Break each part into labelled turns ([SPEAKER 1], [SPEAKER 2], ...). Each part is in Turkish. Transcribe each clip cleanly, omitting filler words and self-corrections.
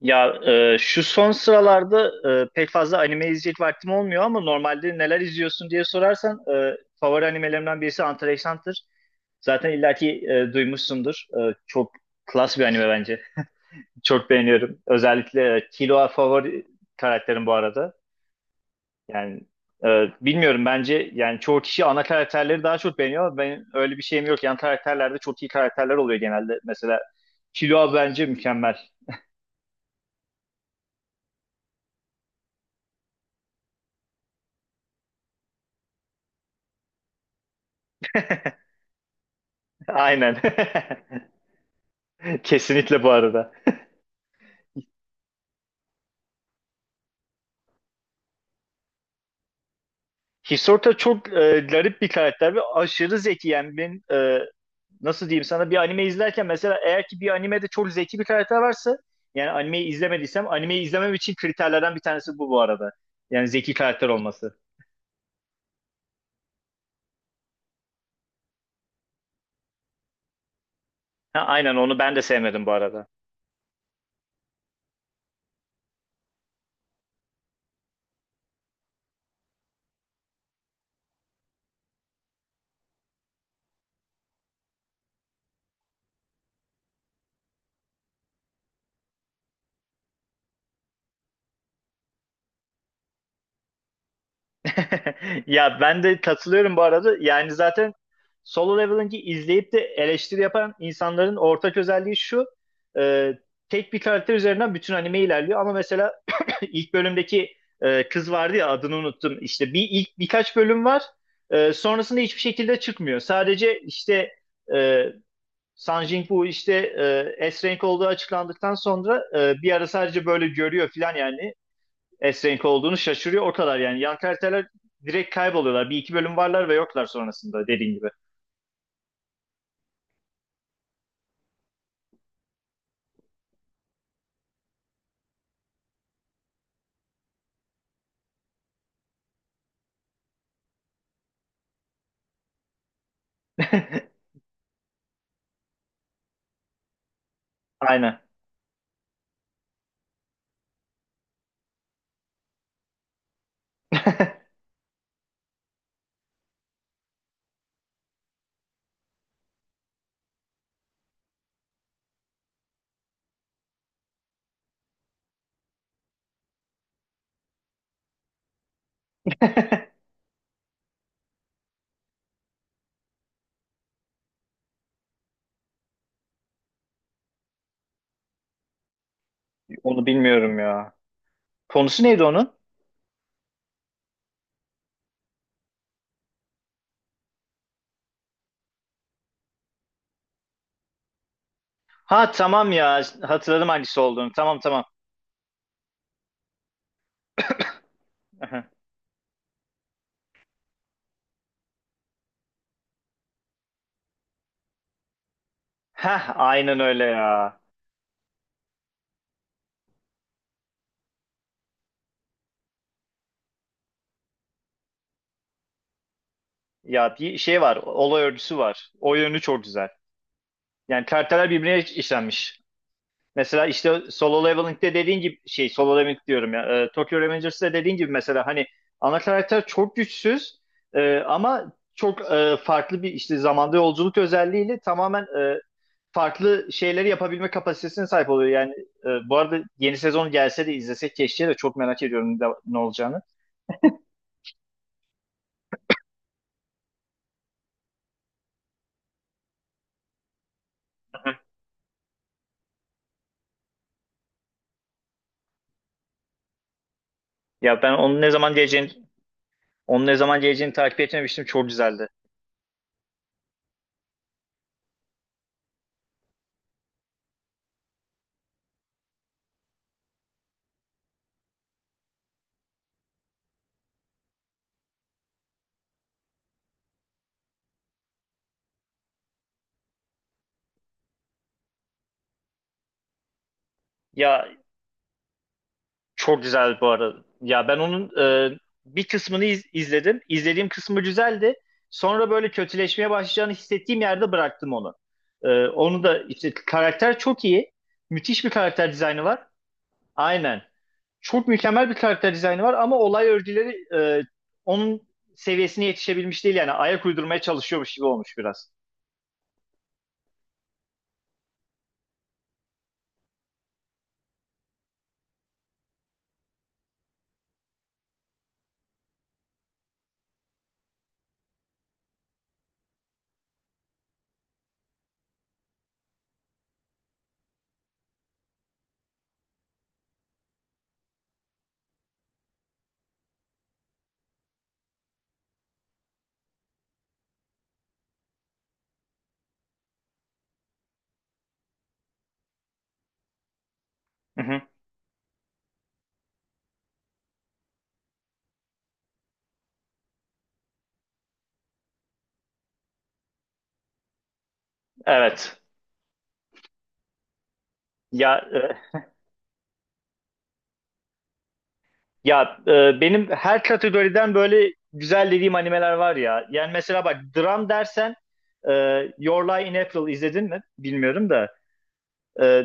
[SPEAKER 1] Ya şu son sıralarda pek fazla anime izleyecek vaktim olmuyor ama normalde neler izliyorsun diye sorarsan favori animelerimden birisi Hunter x Hunter. Zaten illaki duymuşsundur. Çok klas bir anime bence. Çok beğeniyorum. Özellikle Killua favori karakterim bu arada. Yani e, bilmiyorum, bence yani çoğu kişi ana karakterleri daha çok beğeniyor ama ben öyle bir şeyim yok. Yan karakterlerde çok iyi karakterler oluyor genelde. Mesela Killua bence mükemmel. Aynen. Kesinlikle bu arada. Hisorta çok garip bir karakter ve aşırı zeki. Yani ben nasıl diyeyim sana, bir anime izlerken mesela eğer ki bir animede çok zeki bir karakter varsa, yani animeyi izlemediysem animeyi izlemem için kriterlerden bir tanesi bu bu arada. Yani zeki karakter olması. Ha, aynen, onu ben de sevmedim bu arada. Ya ben de katılıyorum bu arada. Yani zaten Solo Leveling'i izleyip de eleştiri yapan insanların ortak özelliği şu: e, tek bir karakter üzerinden bütün anime ilerliyor. Ama mesela ilk bölümdeki kız vardı ya, adını unuttum. İşte bir ilk birkaç bölüm var. Sonrasında hiçbir şekilde çıkmıyor. Sadece işte e, Sun Jin-woo işte S-Rank olduğu açıklandıktan sonra bir ara sadece böyle görüyor falan yani. Esrenk'i olduğunu şaşırıyor. O kadar yani. Yan karakterler direkt kayboluyorlar. Bir iki bölüm varlar ve yoklar sonrasında, dediğin gibi. Aynen. Onu bilmiyorum ya. Konusu neydi onun? Ha, tamam ya. Hatırladım hangisi olduğunu. Tamam, tamam. Heh, aynen öyle ya. Ya, bir şey var. Olay örgüsü var. O yönü çok güzel. Yani karakterler birbirine işlenmiş. Mesela işte Solo Leveling'de dediğin gibi, şey, Solo Leveling diyorum ya, Tokyo Revengers'da dediğin gibi mesela hani ana karakter çok güçsüz, ama çok farklı bir işte zamanda yolculuk özelliğiyle tamamen farklı şeyleri yapabilme kapasitesine sahip oluyor. Yani bu arada yeni sezon gelse de izlesek keşke, de çok merak ediyorum ne olacağını. Hı hı. Ya, ben onun ne zaman geleceğini takip etmemiştim, çok güzeldi. Ya, çok güzel bu arada. Ya ben onun e, bir kısmını izledim. İzlediğim kısmı güzeldi. Sonra böyle kötüleşmeye başlayacağını hissettiğim yerde bıraktım onu. Onu da işte karakter çok iyi. Müthiş bir karakter dizaynı var. Aynen. Çok mükemmel bir karakter dizaynı var ama olay örgüleri onun seviyesine yetişebilmiş değil, yani ayak uydurmaya çalışıyormuş gibi olmuş biraz. Hı hı. Evet. Ya e, Ya, benim her kategoriden böyle güzel dediğim animeler var ya. Yani mesela bak, dram dersen e, Your Lie in April izledin mi? Bilmiyorum da. E,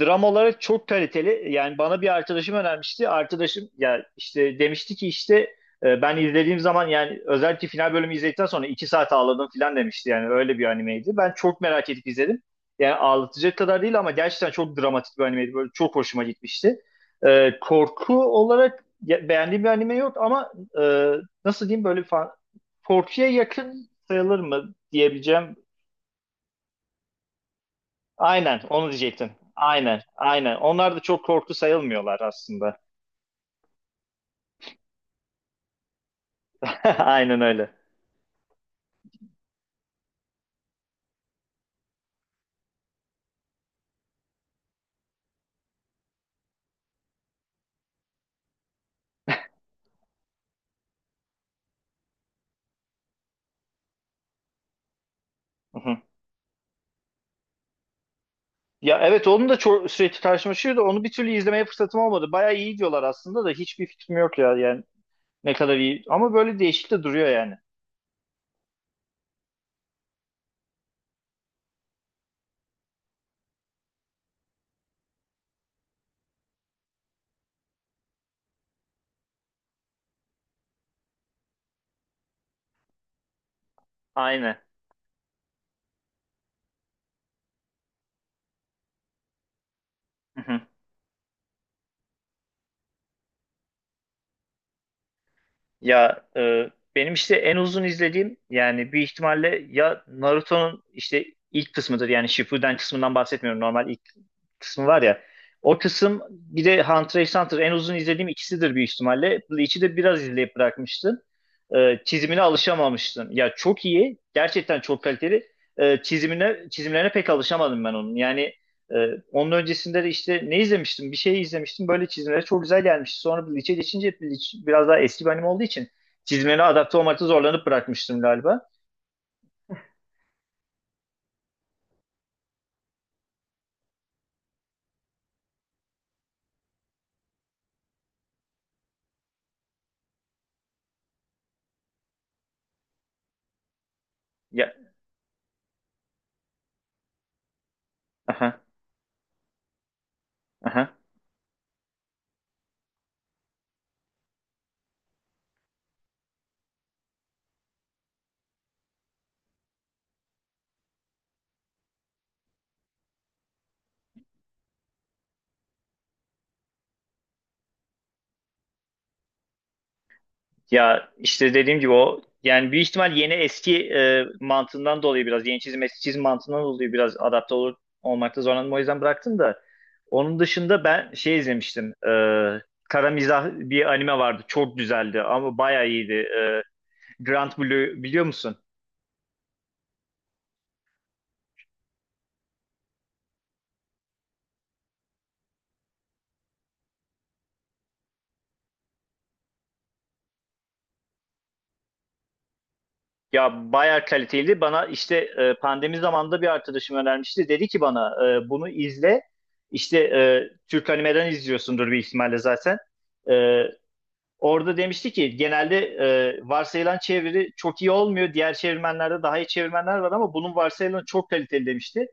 [SPEAKER 1] Dram olarak çok kaliteli. Yani bana bir arkadaşım önermişti. Arkadaşım ya işte demişti ki, işte ben izlediğim zaman yani özellikle final bölümü izledikten sonra 2 saat ağladım falan demişti. Yani öyle bir animeydi. Ben çok merak edip izledim. Yani ağlatacak kadar değil ama gerçekten çok dramatik bir animeydi. Böyle çok hoşuma gitmişti. Korku olarak beğendiğim bir anime yok ama e, nasıl diyeyim böyle korkuya yakın sayılır mı diyebileceğim. Aynen, onu diyecektim. Aynen, aynen. Onlar da çok korktu sayılmıyorlar aslında. Aynen öyle. Hı hı. Ya evet, onun da çok sürekli karşıma çıkıyordu. Onu bir türlü izlemeye fırsatım olmadı. Bayağı iyi diyorlar aslında da, hiçbir fikrim yok ya, yani ne kadar iyi. Ama böyle değişik de duruyor yani. Aynen. Ya, benim işte en uzun izlediğim yani büyük ihtimalle ya Naruto'nun işte ilk kısmıdır, yani Shippuden kısmından bahsetmiyorum, normal ilk kısmı var ya. O kısım bir de Hunter x Hunter, en uzun izlediğim ikisidir büyük ihtimalle. Bleach'i de biraz izleyip bırakmıştım. Çizimine alışamamıştım. Ya çok iyi gerçekten, çok kaliteli. E, çizimine Çizimlerine pek alışamadım ben onun. Yani onun öncesinde de işte ne izlemiştim? Bir şey izlemiştim. Böyle çizimleri çok güzel gelmişti. Sonra bu Lich'e geçince, Lich biraz daha eski bir anime olduğu için çizimlere adapte olmakta zorlanıp bırakmıştım galiba. Ya, aha, aha. Ya işte dediğim gibi, o yani büyük ihtimal yeni eski mantığından dolayı, biraz yeni çizim eski çizim mantığından dolayı biraz olmakta zorlandım, o yüzden bıraktım da onun dışında ben şey izlemiştim, Kara Mizah bir anime vardı, çok güzeldi ama bayağı iyiydi. Grand Blue biliyor musun? Ya bayağı kaliteliydi, bana işte pandemi zamanında bir arkadaşım önermişti, dedi ki bana bunu izle, işte Türk animeden izliyorsundur bir ihtimalle zaten. E, Orada demişti ki genelde varsayılan çeviri çok iyi olmuyor. Diğer çevirmenlerde daha iyi çevirmenler var ama bunun varsayılanı çok kaliteli demişti.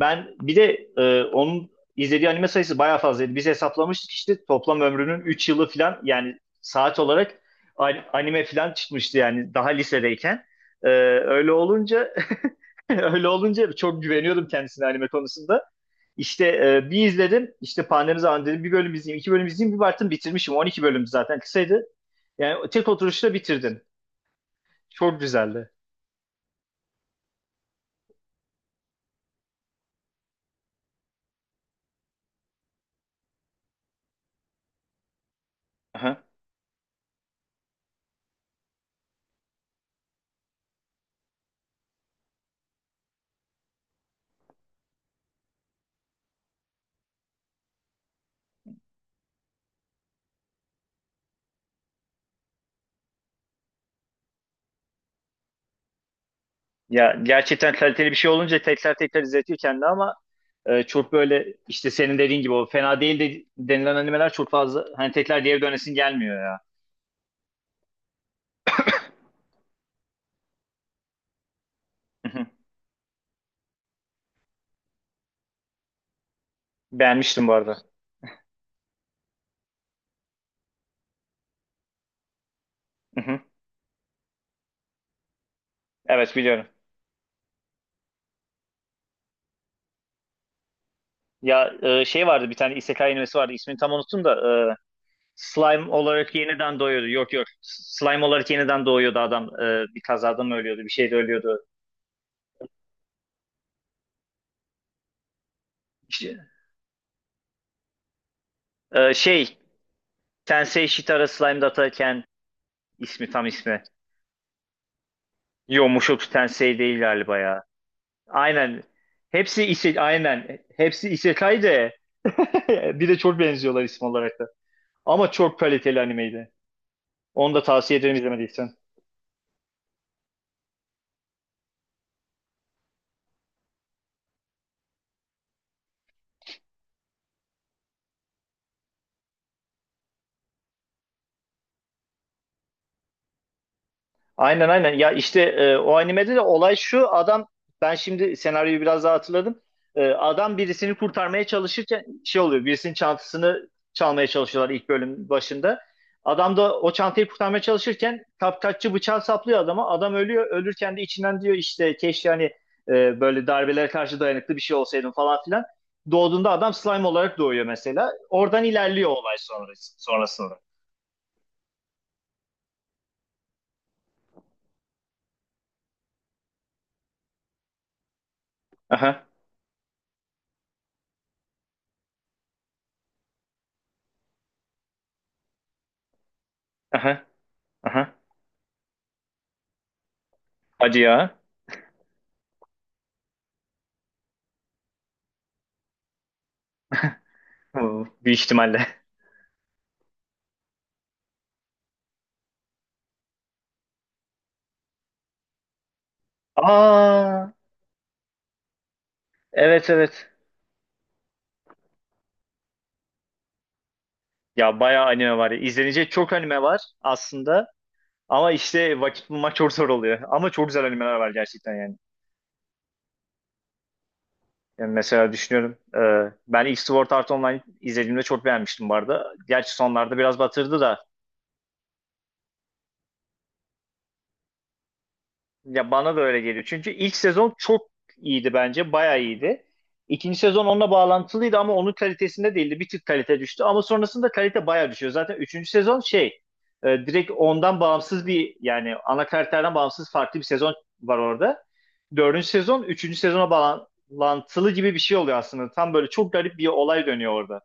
[SPEAKER 1] Ben bir de onun izlediği anime sayısı bayağı fazlaydı. Biz hesaplamıştık işte toplam ömrünün 3 yılı falan, yani saat olarak anime falan çıkmıştı, yani daha lisedeyken. E, öyle olunca öyle olunca çok güveniyordum kendisine anime konusunda. İşte bir izledim, işte pandemi zamanı dedim bir bölüm izleyeyim, iki bölüm izleyeyim. Bir baktım bitirmişim. 12 bölüm zaten kısaydı. Yani tek oturuşta bitirdin. Çok güzeldi. Aha. Ya, gerçekten kaliteli bir şey olunca tekrar tekrar izletiyor kendini ama çok böyle işte senin dediğin gibi o fena değil de denilen animeler çok fazla, hani tekrar geri dönesin gelmiyor ya. Hı hı. Beğenmiştim bu arada. Hı hı. Evet, biliyorum. Ya, şey vardı, bir tane isekai animesi vardı ismini tam unuttum da e, slime olarak yeniden doğuyordu. Yok yok, slime olarak yeniden doğuyordu adam. E, bir kazada mı ölüyordu, bir şeyde ölüyordu. İşte, e, şey Tensei Shitara Slime Dataken. İsmi, tam ismi. Yo, Mushoku Tensei değil galiba ya. Aynen. Hepsi ise aynen. Hepsi isekai de bir de çok benziyorlar isim olarak da. Ama çok kaliteli animeydi. Onu da tavsiye ederim izlemediysen. Aynen, aynen. Ya, işte o animede de olay şu. Adam, ben şimdi senaryoyu biraz daha hatırladım. Adam birisini kurtarmaya çalışırken şey oluyor. Birisinin çantasını çalmaya çalışıyorlar ilk bölüm başında. Adam da o çantayı kurtarmaya çalışırken kapkaççı bıçağı saplıyor adama. Adam ölüyor. Ölürken de içinden diyor, işte keşke hani böyle darbelere karşı dayanıklı bir şey olsaydım falan filan. Doğduğunda adam slime olarak doğuyor mesela. Oradan ilerliyor olay sonrası, sonrasında. Aha, aha, aha. Hadi ya. Bu büyük ihtimalle. Aa, evet, evet. Ya, bayağı anime var ya. İzlenecek çok anime var aslında. Ama işte vakit bulmak çok zor oluyor. Ama çok güzel animeler var gerçekten yani. Yani mesela düşünüyorum. Ben ilk Sword Art Online izlediğimde çok beğenmiştim bu arada. Gerçi sonlarda biraz batırdı da. Ya bana da öyle geliyor. Çünkü ilk sezon çok iyiydi bence. Bayağı iyiydi. İkinci sezon onunla bağlantılıydı ama onun kalitesinde değildi. Bir tık kalite düştü ama sonrasında kalite bayağı düşüyor. Zaten üçüncü sezon direkt ondan bağımsız bir, yani ana karakterden bağımsız farklı bir sezon var orada. Dördüncü sezon üçüncü sezona bağlantılı gibi bir şey oluyor aslında. Tam böyle çok garip bir olay dönüyor orada.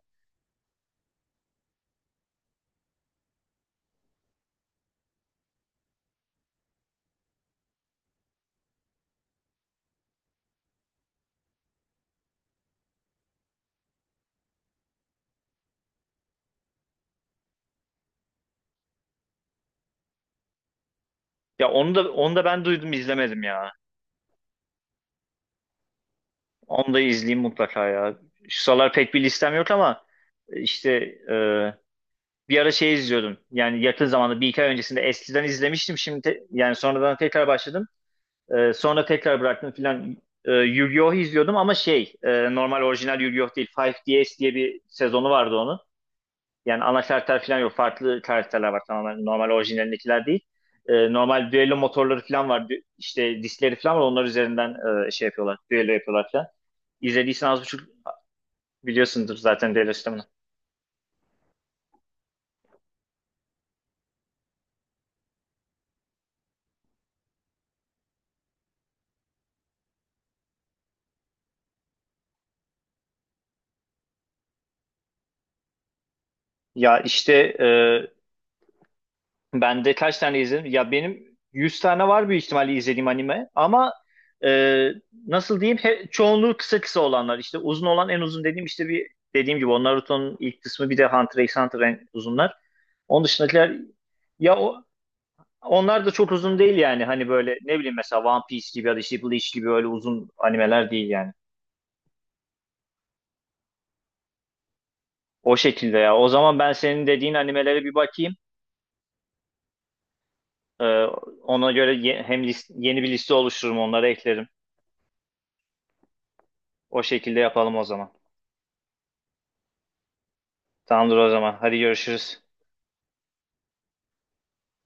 [SPEAKER 1] Ya, onu da onu da ben duydum, izlemedim ya. Onu da izleyeyim mutlaka ya. Şu sıralar pek bir listem yok ama işte e, bir ara şey izliyordum. Yani yakın zamanda bir iki ay öncesinde eskiden izlemiştim. Şimdi yani sonradan tekrar başladım. Sonra tekrar bıraktım filan. Yu-Gi-Oh izliyordum ama normal orijinal Yu-Gi-Oh değil. 5 S diye bir sezonu vardı onun. Yani ana karakter falan yok. Farklı karakterler var tamamen. Normal orijinalindekiler değil. Normal düello motorları falan var. Dü- işte diskleri falan var. Onlar üzerinden yapıyorlar. Düello yapıyorlar falan. İzlediysen az buçuk biliyorsundur zaten düello sistemini. Ya, işte e, Ben de kaç tane izledim? Ya benim 100 tane var büyük ihtimalle izlediğim anime ama e, nasıl diyeyim, çoğunluğu kısa kısa olanlar, İşte uzun olan en uzun dediğim, işte bir dediğim gibi o Naruto'nun ilk kısmı bir de Hunter x Hunter en uzunlar. Onun dışındakiler ya o, onlar da çok uzun değil yani, hani böyle ne bileyim, mesela One Piece gibi ya da işte Bleach gibi öyle uzun animeler değil yani. O şekilde ya. O zaman ben senin dediğin animelere bir bakayım. E, ona göre hem yeni bir liste oluştururum, onları eklerim. O şekilde yapalım o zaman. Tamamdır o zaman. Hadi görüşürüz.